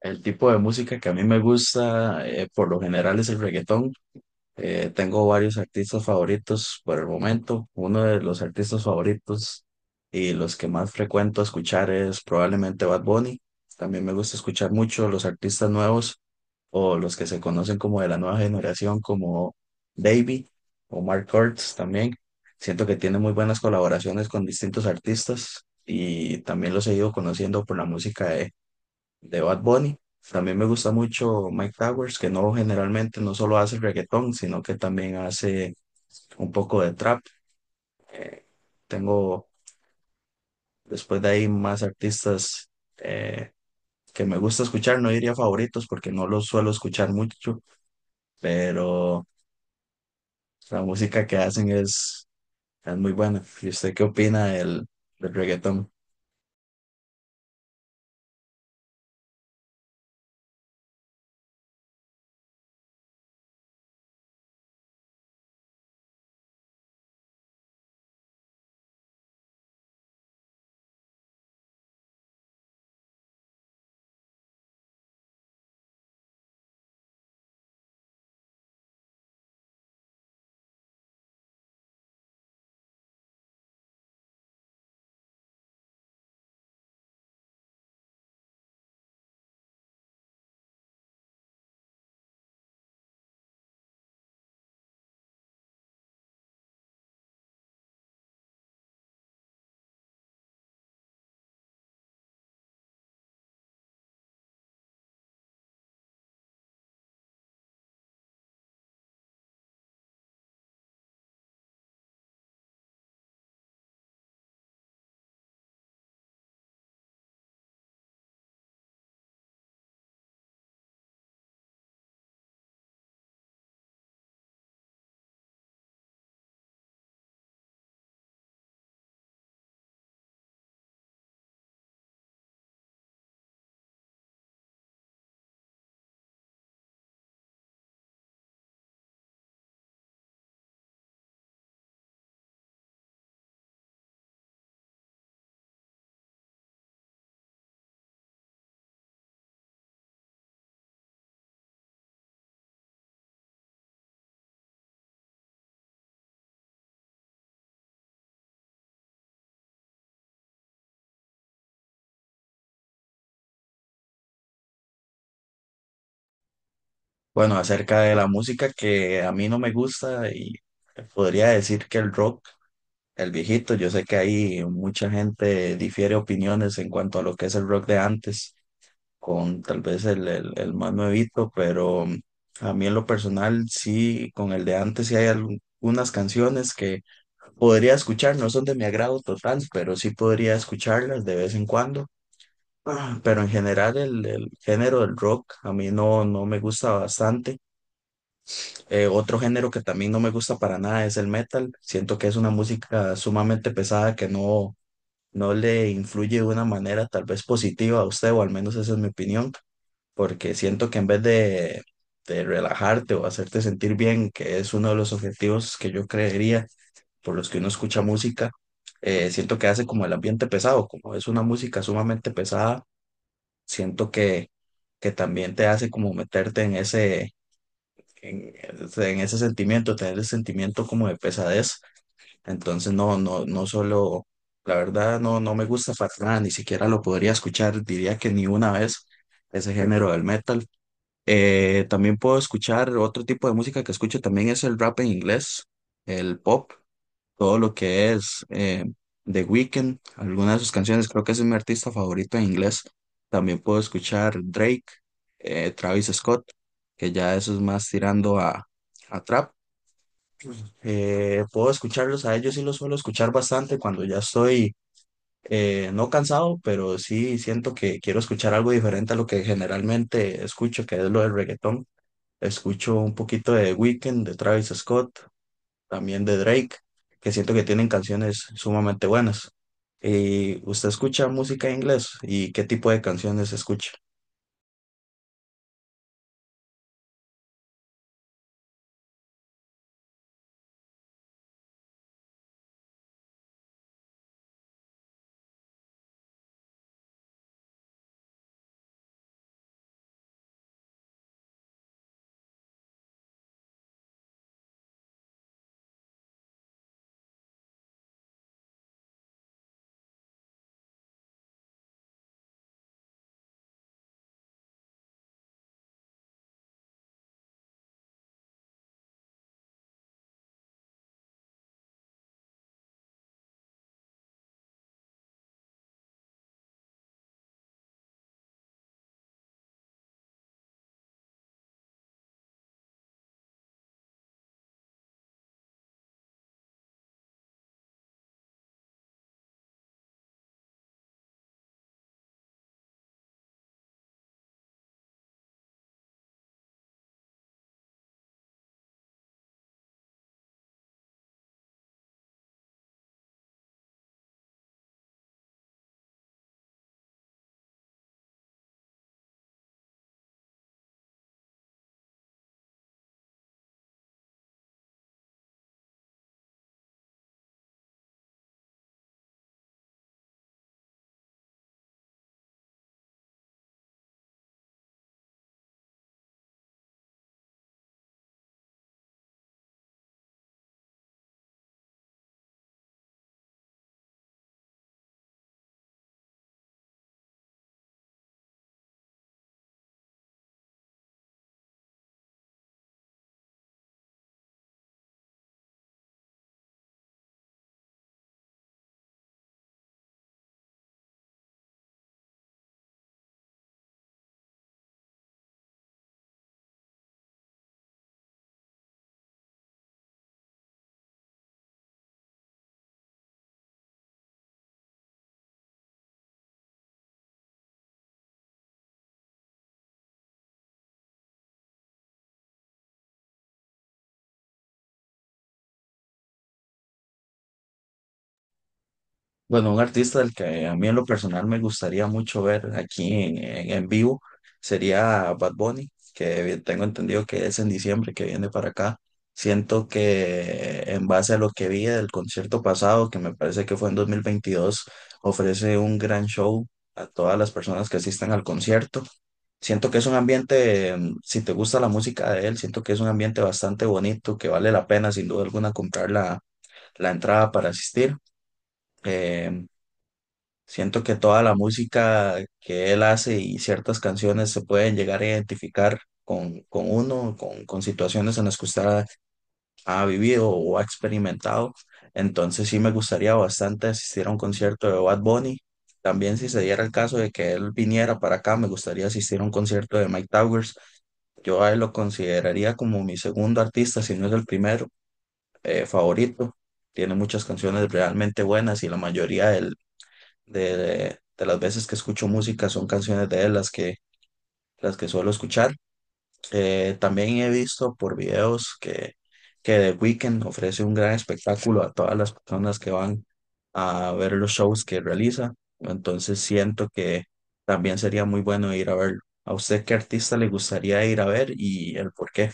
El tipo de música que a mí me gusta, por lo general, es el reggaetón. Tengo varios artistas favoritos por el momento. Uno de los artistas favoritos y los que más frecuento escuchar es probablemente Bad Bunny. También me gusta escuchar mucho los artistas nuevos o los que se conocen como de la nueva generación, como Davey o Mark Kurtz también. Siento que tiene muy buenas colaboraciones con distintos artistas y también los he ido conociendo por la música de Bad Bunny. También me gusta mucho Mike Towers, que no generalmente no solo hace reggaetón, sino que también hace un poco de trap. Eh, tengo después de ahí más artistas eh, que me gusta escuchar, no diría favoritos porque no los suelo escuchar mucho, pero la música que hacen es muy buena. ¿Y usted qué opina del reggaetón? Bueno, acerca de la música que a mí no me gusta y podría decir que el rock. El viejito, yo sé que ahí mucha gente difiere opiniones en cuanto a lo que es el rock de antes, con tal vez el más nuevito, pero a mí en lo personal sí, con el de antes sí hay algunas canciones que podría escuchar, no son de mi agrado total, pero sí podría escucharlas de vez en cuando. Pero en general el género del rock a mí no, no me gusta bastante. Otro género que también no me gusta para nada es el metal. Siento que es una música sumamente pesada que no le influye de una manera tal vez positiva a usted, o al menos esa es mi opinión, porque siento que en vez de relajarte o hacerte sentir bien, que es uno de los objetivos que yo creería por los que uno escucha música, siento que hace como el ambiente pesado, como es una música sumamente pesada, siento que también te hace como meterte en ese, en en ese sentimiento, tener el sentimiento como de pesadez. Entonces, no solo, la verdad, no me gusta para nada, ni siquiera lo podría escuchar, diría que ni una vez ese género del metal. También puedo escuchar otro tipo de música que escucho también es el rap en inglés, el pop, todo lo que es The Weeknd, algunas de sus canciones, creo que ese es mi artista favorito en inglés. También puedo escuchar Drake, Travis Scott, que ya eso es más tirando a trap. Puedo escucharlos a ellos y los suelo escuchar bastante cuando ya estoy no cansado, pero sí siento que quiero escuchar algo diferente a lo que generalmente escucho, que es lo del reggaetón. Escucho un poquito de Weekend de Travis Scott, también de Drake, que siento que tienen canciones sumamente buenas. ¿Y usted escucha música en inglés? ¿Y qué tipo de canciones escucha? Bueno, un artista del que a mí en lo personal me gustaría mucho ver aquí en, en vivo sería Bad Bunny, que tengo entendido que es en diciembre que viene para acá. Siento que en base a lo que vi del concierto pasado, que me parece que fue en 2022, ofrece un gran show a todas las personas que asistan al concierto. Siento que es un ambiente, mm, si te gusta la música de él, siento que es un ambiente bastante bonito, que vale la pena sin duda alguna comprar la entrada para asistir. Em, Siento que toda la música que él hace y ciertas canciones se pueden llegar a identificar con uno, con situaciones en las que usted ha vivido o ha experimentado. Entonces sí me gustaría bastante asistir a un concierto de Bad Bunny. También si se diera el caso de que él viniera para acá, me gustaría asistir a un concierto de Mike Towers. Yo a él lo consideraría como mi segundo artista, si no es el primero, favorito. Tiene muchas canciones realmente buenas y la mayoría de las veces que escucho música son canciones de él las que suelo escuchar. También he visto por videos que The Weeknd ofrece un gran espectáculo a todas las personas que van a ver los shows que realiza. Entonces siento que también sería muy bueno ir a verlo. ¿A usted qué artista le gustaría ir a ver y el por qué?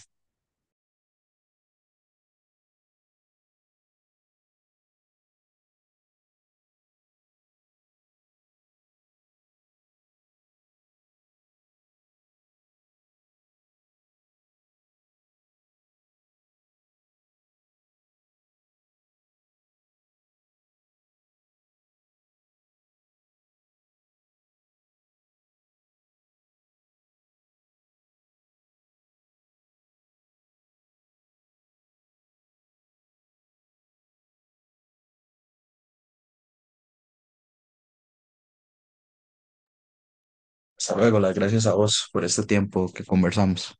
Hasta luego, las gracias a vos por este tiempo que conversamos.